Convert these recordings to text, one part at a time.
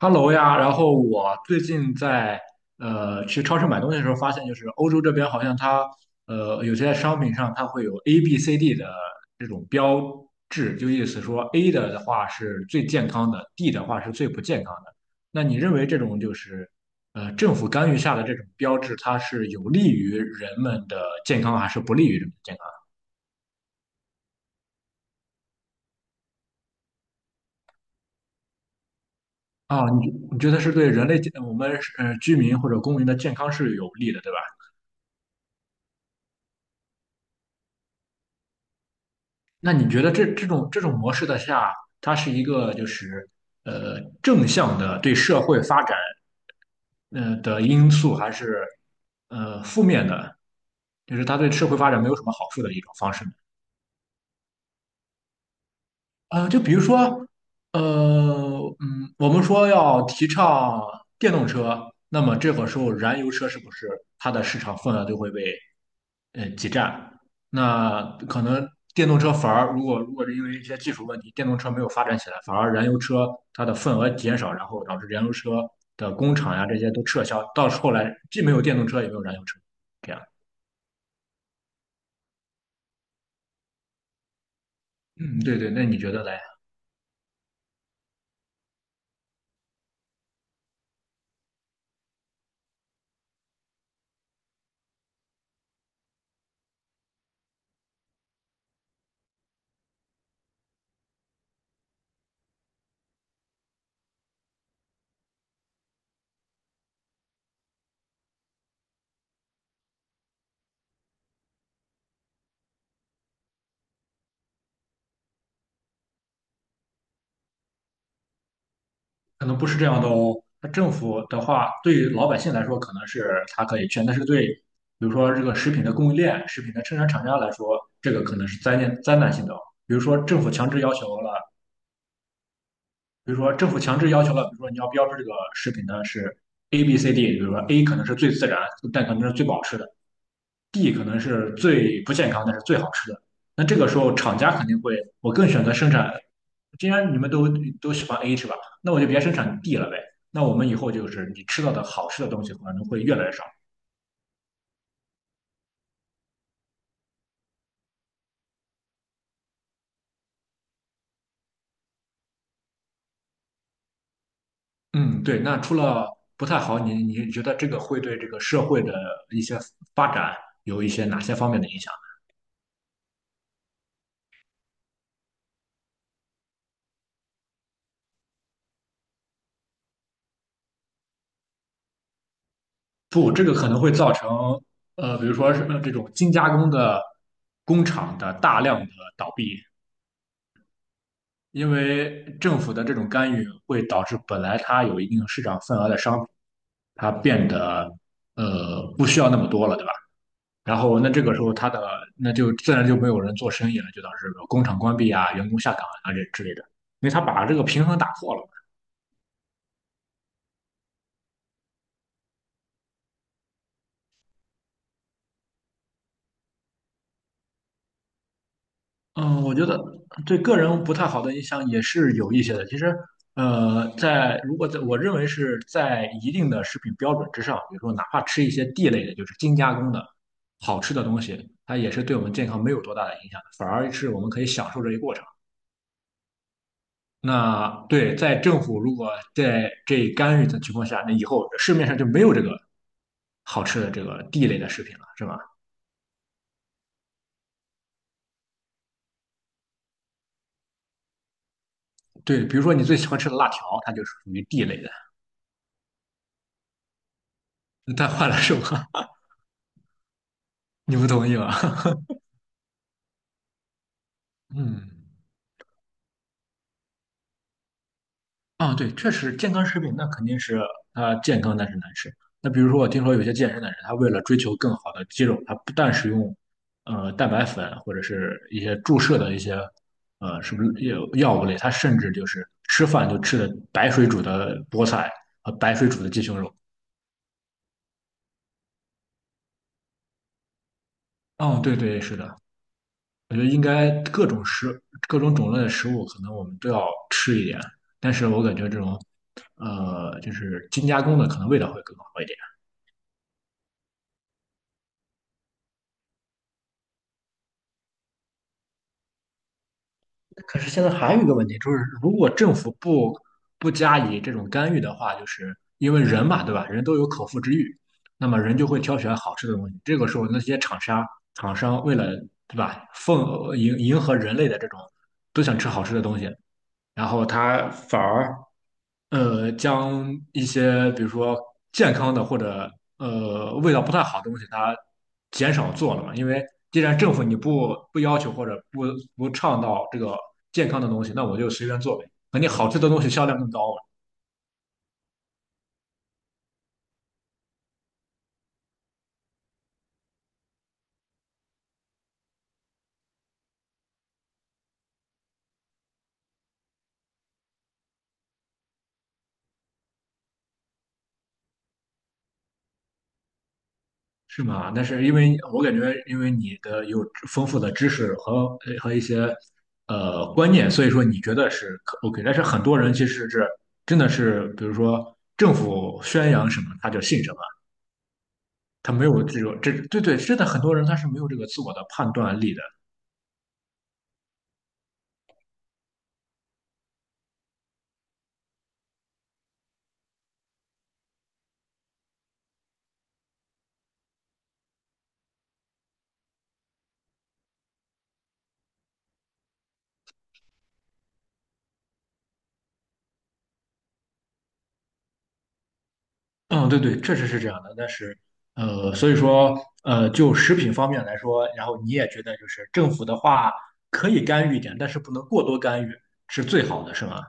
Hello 呀，然后我最近去超市买东西的时候，发现就是欧洲这边好像有些商品上它会有 A、B、C、D 的这种标志，就意思说 A 的话是最健康的，D 的话是最不健康的。那你认为这种就是政府干预下的这种标志，它是有利于人们的健康，还是不利于人们的健康？啊，你觉得是对人类健我们居民或者公民的健康是有利的，对吧？那你觉得这种模式的下，它是一个就是正向的对社会发展的因素，还是负面的，就是它对社会发展没有什么好处的一种方式呢？就比如说，我们说要提倡电动车，那么这个时候燃油车是不是它的市场份额就会被挤占？那可能电动车反而如果是因为一些技术问题，电动车没有发展起来，反而燃油车它的份额减少，然后导致燃油车的工厂呀这些都撤销，到后来既没有电动车也没有燃油车，这样。嗯，对对，那你觉得嘞？可能不是这样的哦。那政府的话，对于老百姓来说，可能是它可以劝，但是对，比如说这个食品的供应链、食品的生产厂家来说，这个可能是灾难性的哦。比如说政府强制要求了，比如说政府强制要求了，比如说你要标志这个食品呢是 A、B、C、D，比如说 A 可能是最自然，但可能是最保好吃的；D 可能是最不健康，但是最好吃的。那这个时候，厂家肯定会，我更选择生产。既然你们都喜欢 A 是吧？那我就别生产 D 了呗。那我们以后就是你吃到的好吃的东西可能会越来越少。嗯，对。那除了不太好，你觉得这个会对这个社会的一些发展有一些哪些方面的影响？不，这个可能会造成比如说是这种精加工的工厂的大量的倒闭，因为政府的这种干预会导致本来它有一定市场份额的商品，它变得不需要那么多了。对吧？然后那这个时候那就自然就没有人做生意了，就导致工厂关闭啊、员工下岗啊这之类的，因为他把这个平衡打破了。嗯，我觉得对个人不太好的影响也是有一些的。其实，如果在我认为是在一定的食品标准之上，比如说哪怕吃一些地类的，就是精加工的好吃的东西，它也是对我们健康没有多大的影响的，反而是我们可以享受这一过程。那对，在政府如果在这干预的情况下，那以后市面上就没有这个好吃的这个地类的食品了，是吧？对，比如说你最喜欢吃的辣条，它就是属于地类的，它换了是吧？你不同意吧？嗯。啊，对，确实健康食品那肯定是它健康，但是难吃。那比如说，我听说有些健身的人，他为了追求更好的肌肉，他不但使用蛋白粉或者是一些注射的一些是不是药物类，他甚至就是吃饭就吃的白水煮的菠菜和白水煮的鸡胸肉。哦，对对，是的，我觉得应该各种种类的食物，可能我们都要吃一点，但是我感觉这种就是精加工的，可能味道会更好一点。可是现在还有一个问题，就是如果政府不加以这种干预的话，就是因为人嘛，对吧？人都有口腹之欲，那么人就会挑选好吃的东西。这个时候，那些厂商为了对吧，迎合人类的这种都想吃好吃的东西，然后他反而将一些比如说健康的或者味道不太好的东西，它减少做了嘛。因为既然政府你不要求或者不倡导这个健康的东西，那我就随便做呗。肯定好吃的东西销量更高啊。是吗？那是因为我感觉，因为你的有丰富的知识和一些观念，所以说你觉得是OK。但是很多人其实是真的是，比如说政府宣扬什么他就信什么。他没有这有这，对对，是的，很多人他是没有这个自我的判断力的。嗯，对对，确实是这样的。但是，所以说，就食品方面来说，然后你也觉得就是政府的话可以干预一点，但是不能过多干预，是最好的，是吗？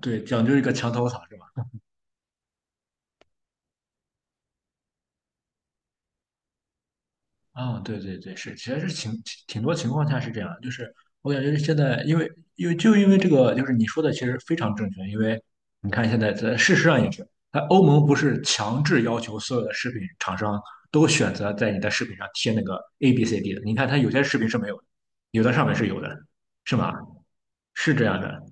对，讲究一个墙头草，是吧？啊、对对对，是，其实是挺多情况下是这样，就是我感觉现在，因为就因为这个，就是你说的其实非常正确，因为你看现在在事实上也是，它欧盟不是强制要求所有的食品厂商都选择在你的食品上贴那个 A B C D 的，你看它有些食品是没有的，有的上面是有的，是吗？是这样的，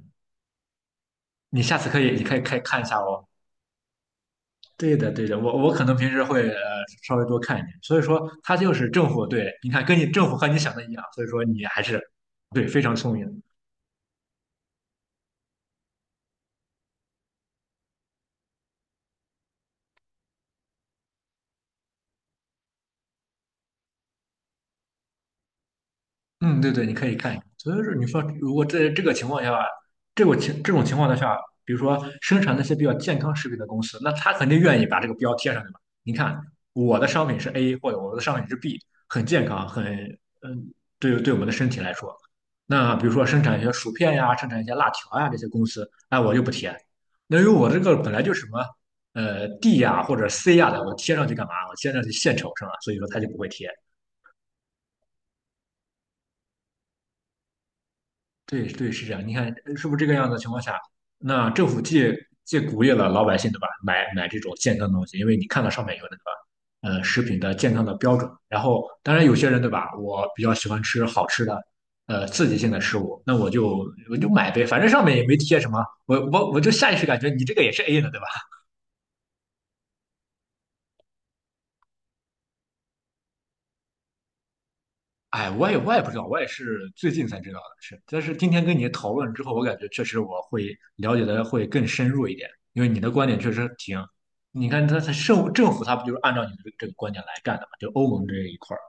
你下次可以，你可以看一下哦。对的，对的，我可能平时会稍微多看一点，所以说他就是政府对，你看跟你政府和你想的一样，所以说你还是对非常聪明。嗯，对对，你可以看一看。所以说，你说如果在这个情况下，这种情况的下，比如说生产那些比较健康食品的公司，那他肯定愿意把这个标贴上去嘛。你看，我的商品是 A，或者我的商品是 B，很健康，很嗯，对我们的身体来说。那比如说生产一些薯片呀，生产一些辣条呀这些公司，哎，我就不贴。那因为我这个本来就是什么D 呀或者 C 呀的，我贴上去干嘛？我贴上去献丑是吧？所以说他就不会贴。对对，是这样。你看，是不是这个样子的情况下，那政府借鼓励了老百姓，对吧？买这种健康的东西，因为你看到上面有那个食品的健康的标准。然后，当然有些人，对吧？我比较喜欢吃好吃的，刺激性的食物，那我就买呗，反正上面也没贴什么，我就下意识感觉你这个也是 A 的，对吧？哎，我也不知道，我也是最近才知道的，是。但是今天跟你讨论之后，我感觉确实我会了解的会更深入一点，因为你的观点确实挺，你看他政府他不就是按照你的这个观点来干的嘛？就欧盟这一块儿，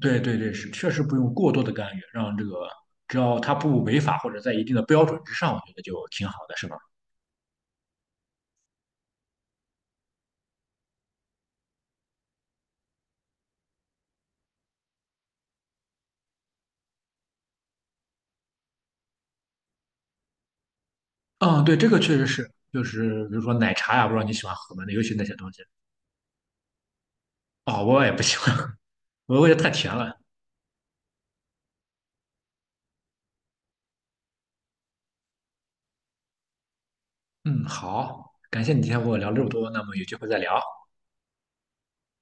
对对对，是确实不用过多的干预，让这个只要他不违法或者在一定的标准之上，我觉得就挺好的，是吧？嗯，对，这个确实是，就是比如说奶茶呀，不知道你喜欢喝吗？那尤其那些东西，哦，我也不喜欢，我觉得太甜了。嗯，好，感谢你今天和我聊这么多，那么有机会再聊。